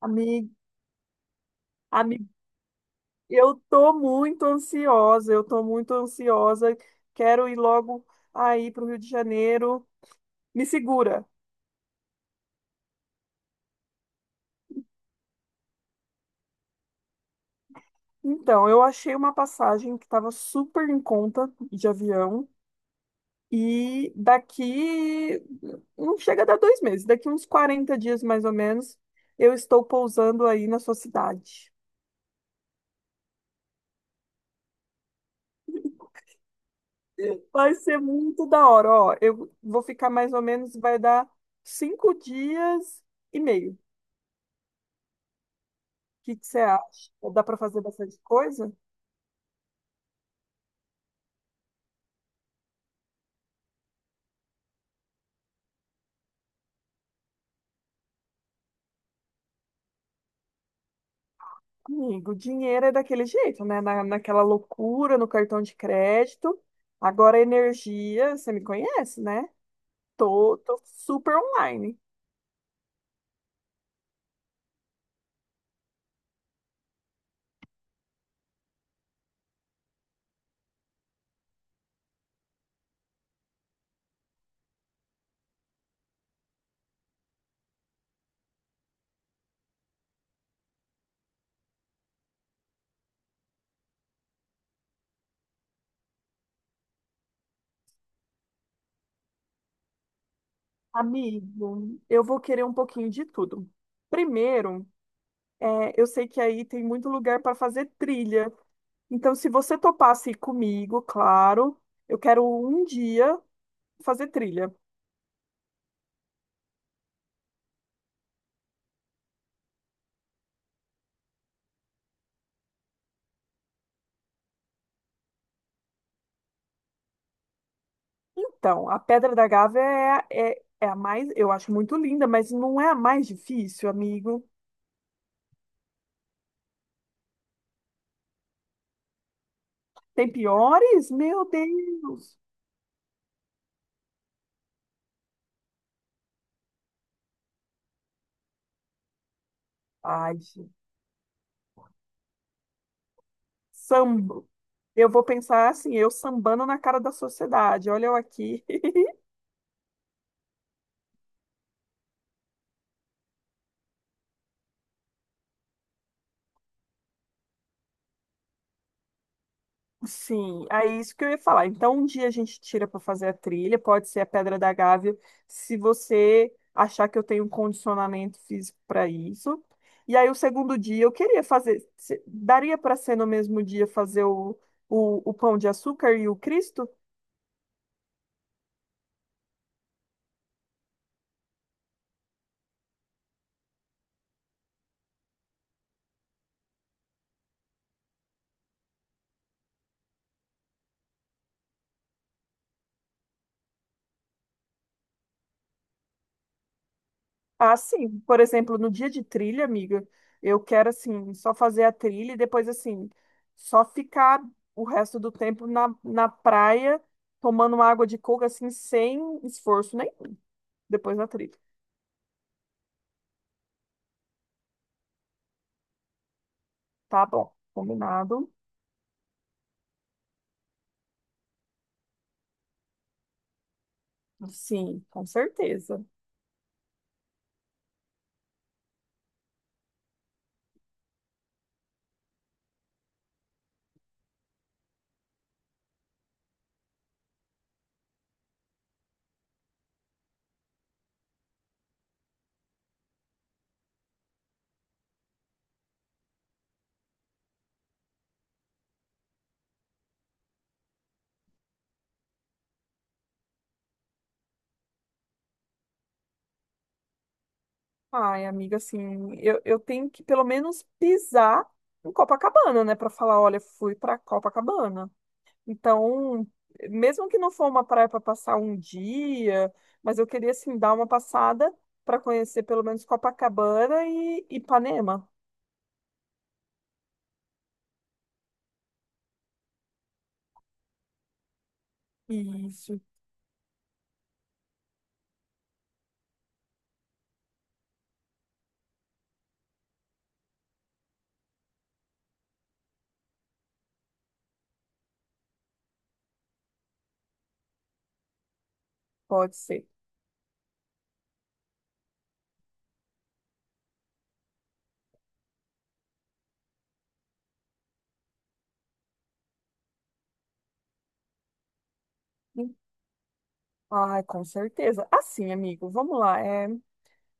Amigo, amigo, eu tô muito ansiosa, eu tô muito ansiosa. Quero ir logo aí para o Rio de Janeiro. Me segura. Então, eu achei uma passagem que estava super em conta de avião e daqui não chega a dar 2 meses, daqui uns 40 dias mais ou menos, eu estou pousando aí na sua cidade. Vai ser muito da hora, ó. Eu vou ficar mais ou menos, vai dar 5 dias e meio. Que você acha? Dá para fazer bastante coisa? Amigo, dinheiro é daquele jeito, né? Naquela loucura no cartão de crédito. Agora energia, você me conhece, né? Tô super online. Amigo, eu vou querer um pouquinho de tudo. Primeiro, eu sei que aí tem muito lugar para fazer trilha. Então, se você topasse ir comigo, claro, eu quero um dia fazer trilha. Então, a Pedra da Gávea é a mais, eu acho muito linda, mas não é a mais difícil, amigo. Tem piores? Meu Deus! Ai, gente. Sambo. Eu vou pensar assim, eu sambando na cara da sociedade. Olha eu aqui. Sim, é isso que eu ia falar. Então, um dia a gente tira para fazer a trilha, pode ser a Pedra da Gávea, se você achar que eu tenho um condicionamento físico para isso. E aí, o segundo dia, eu queria fazer. Daria para ser no mesmo dia fazer o Pão de Açúcar e o Cristo? Ah, sim. Por exemplo, no dia de trilha, amiga, eu quero, assim, só fazer a trilha e depois, assim, só ficar o resto do tempo na praia. Tomando uma água de coco assim, sem esforço depois da trilha. Tá bom, combinado. Sim, com certeza. Ai, amiga, assim, eu tenho que pelo menos pisar em Copacabana, né? Pra falar, olha, fui pra Copacabana. Então, mesmo que não for uma praia pra passar um dia, mas eu queria, assim, dar uma passada pra conhecer pelo menos Copacabana e Ipanema. Isso, pode ser. Ai, com certeza. Assim, amigo, vamos lá.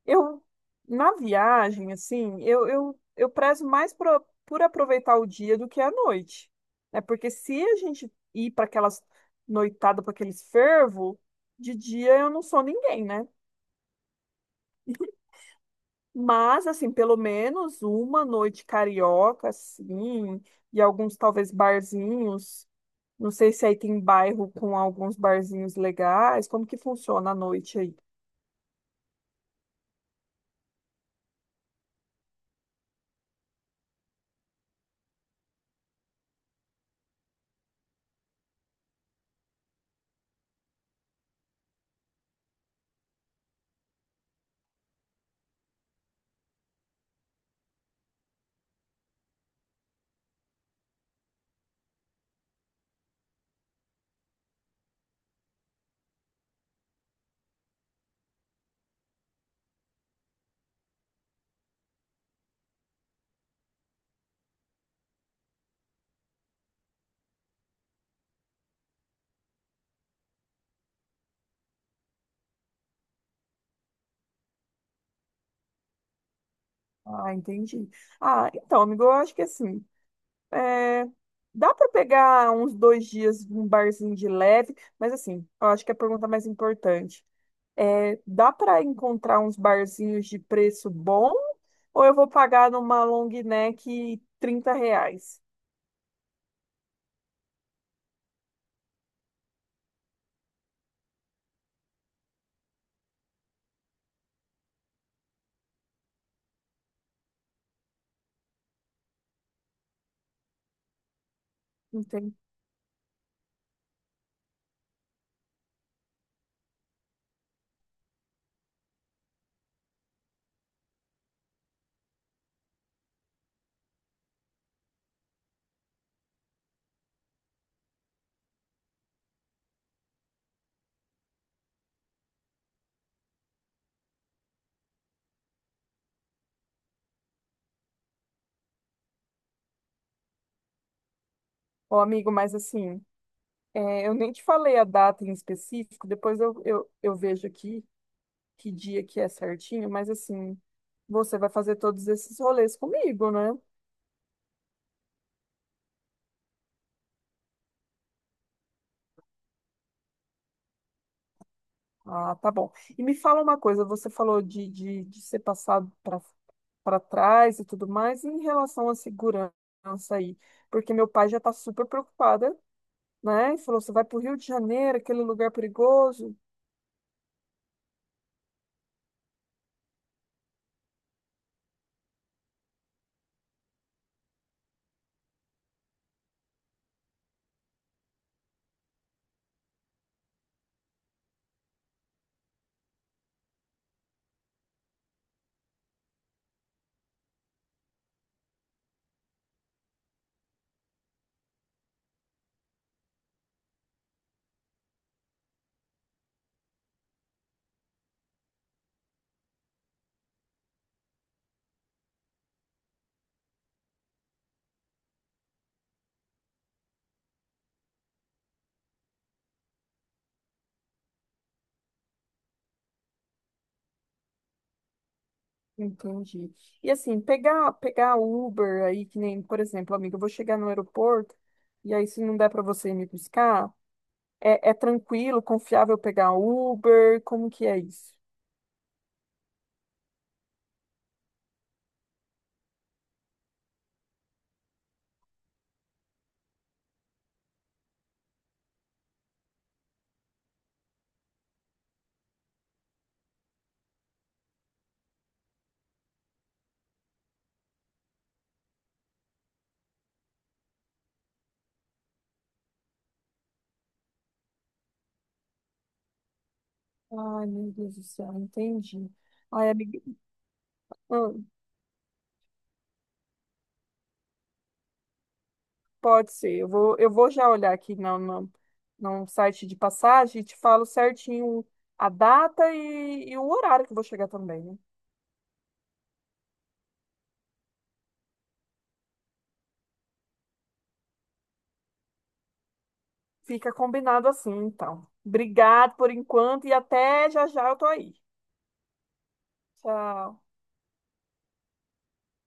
Eu, na viagem, assim, eu prezo mais por aproveitar o dia do que a noite. Né? Porque se a gente ir para aquelas noitadas, para aqueles fervo, de dia eu não sou ninguém, né? Mas, assim, pelo menos uma noite carioca, assim, e alguns talvez barzinhos. Não sei se aí tem bairro com alguns barzinhos legais. Como que funciona a noite aí? Ah, entendi. Ah, então, amigo, eu acho que assim. É, dá para pegar uns 2 dias num barzinho de leve, mas assim, eu acho que é a pergunta mais importante dá para encontrar uns barzinhos de preço bom ou eu vou pagar numa long neck R$ 30? Entende? Ô, amigo, mas assim, eu nem te falei a data em específico, depois eu vejo aqui que dia que é certinho, mas assim, você vai fazer todos esses rolês comigo, né? Ah, tá bom. E me fala uma coisa, você falou de ser passado para trás e tudo mais, e em relação à segurança aí, porque meu pai já está super preocupada, né? E falou, você vai para o Rio de Janeiro, aquele lugar perigoso. Entendi. E assim, pegar Uber aí, que nem, por exemplo, amiga, eu vou chegar no aeroporto, e aí se não der para você ir me buscar, é tranquilo, confiável pegar Uber? Como que é isso? Ai, meu Deus do céu, entendi. Ai, amiga. Pode ser. Eu vou já olhar aqui no site de passagem e te falo certinho a data e o horário que eu vou chegar também, né? Fica combinado assim, então. Obrigado por enquanto e até já já eu tô aí. Tchau.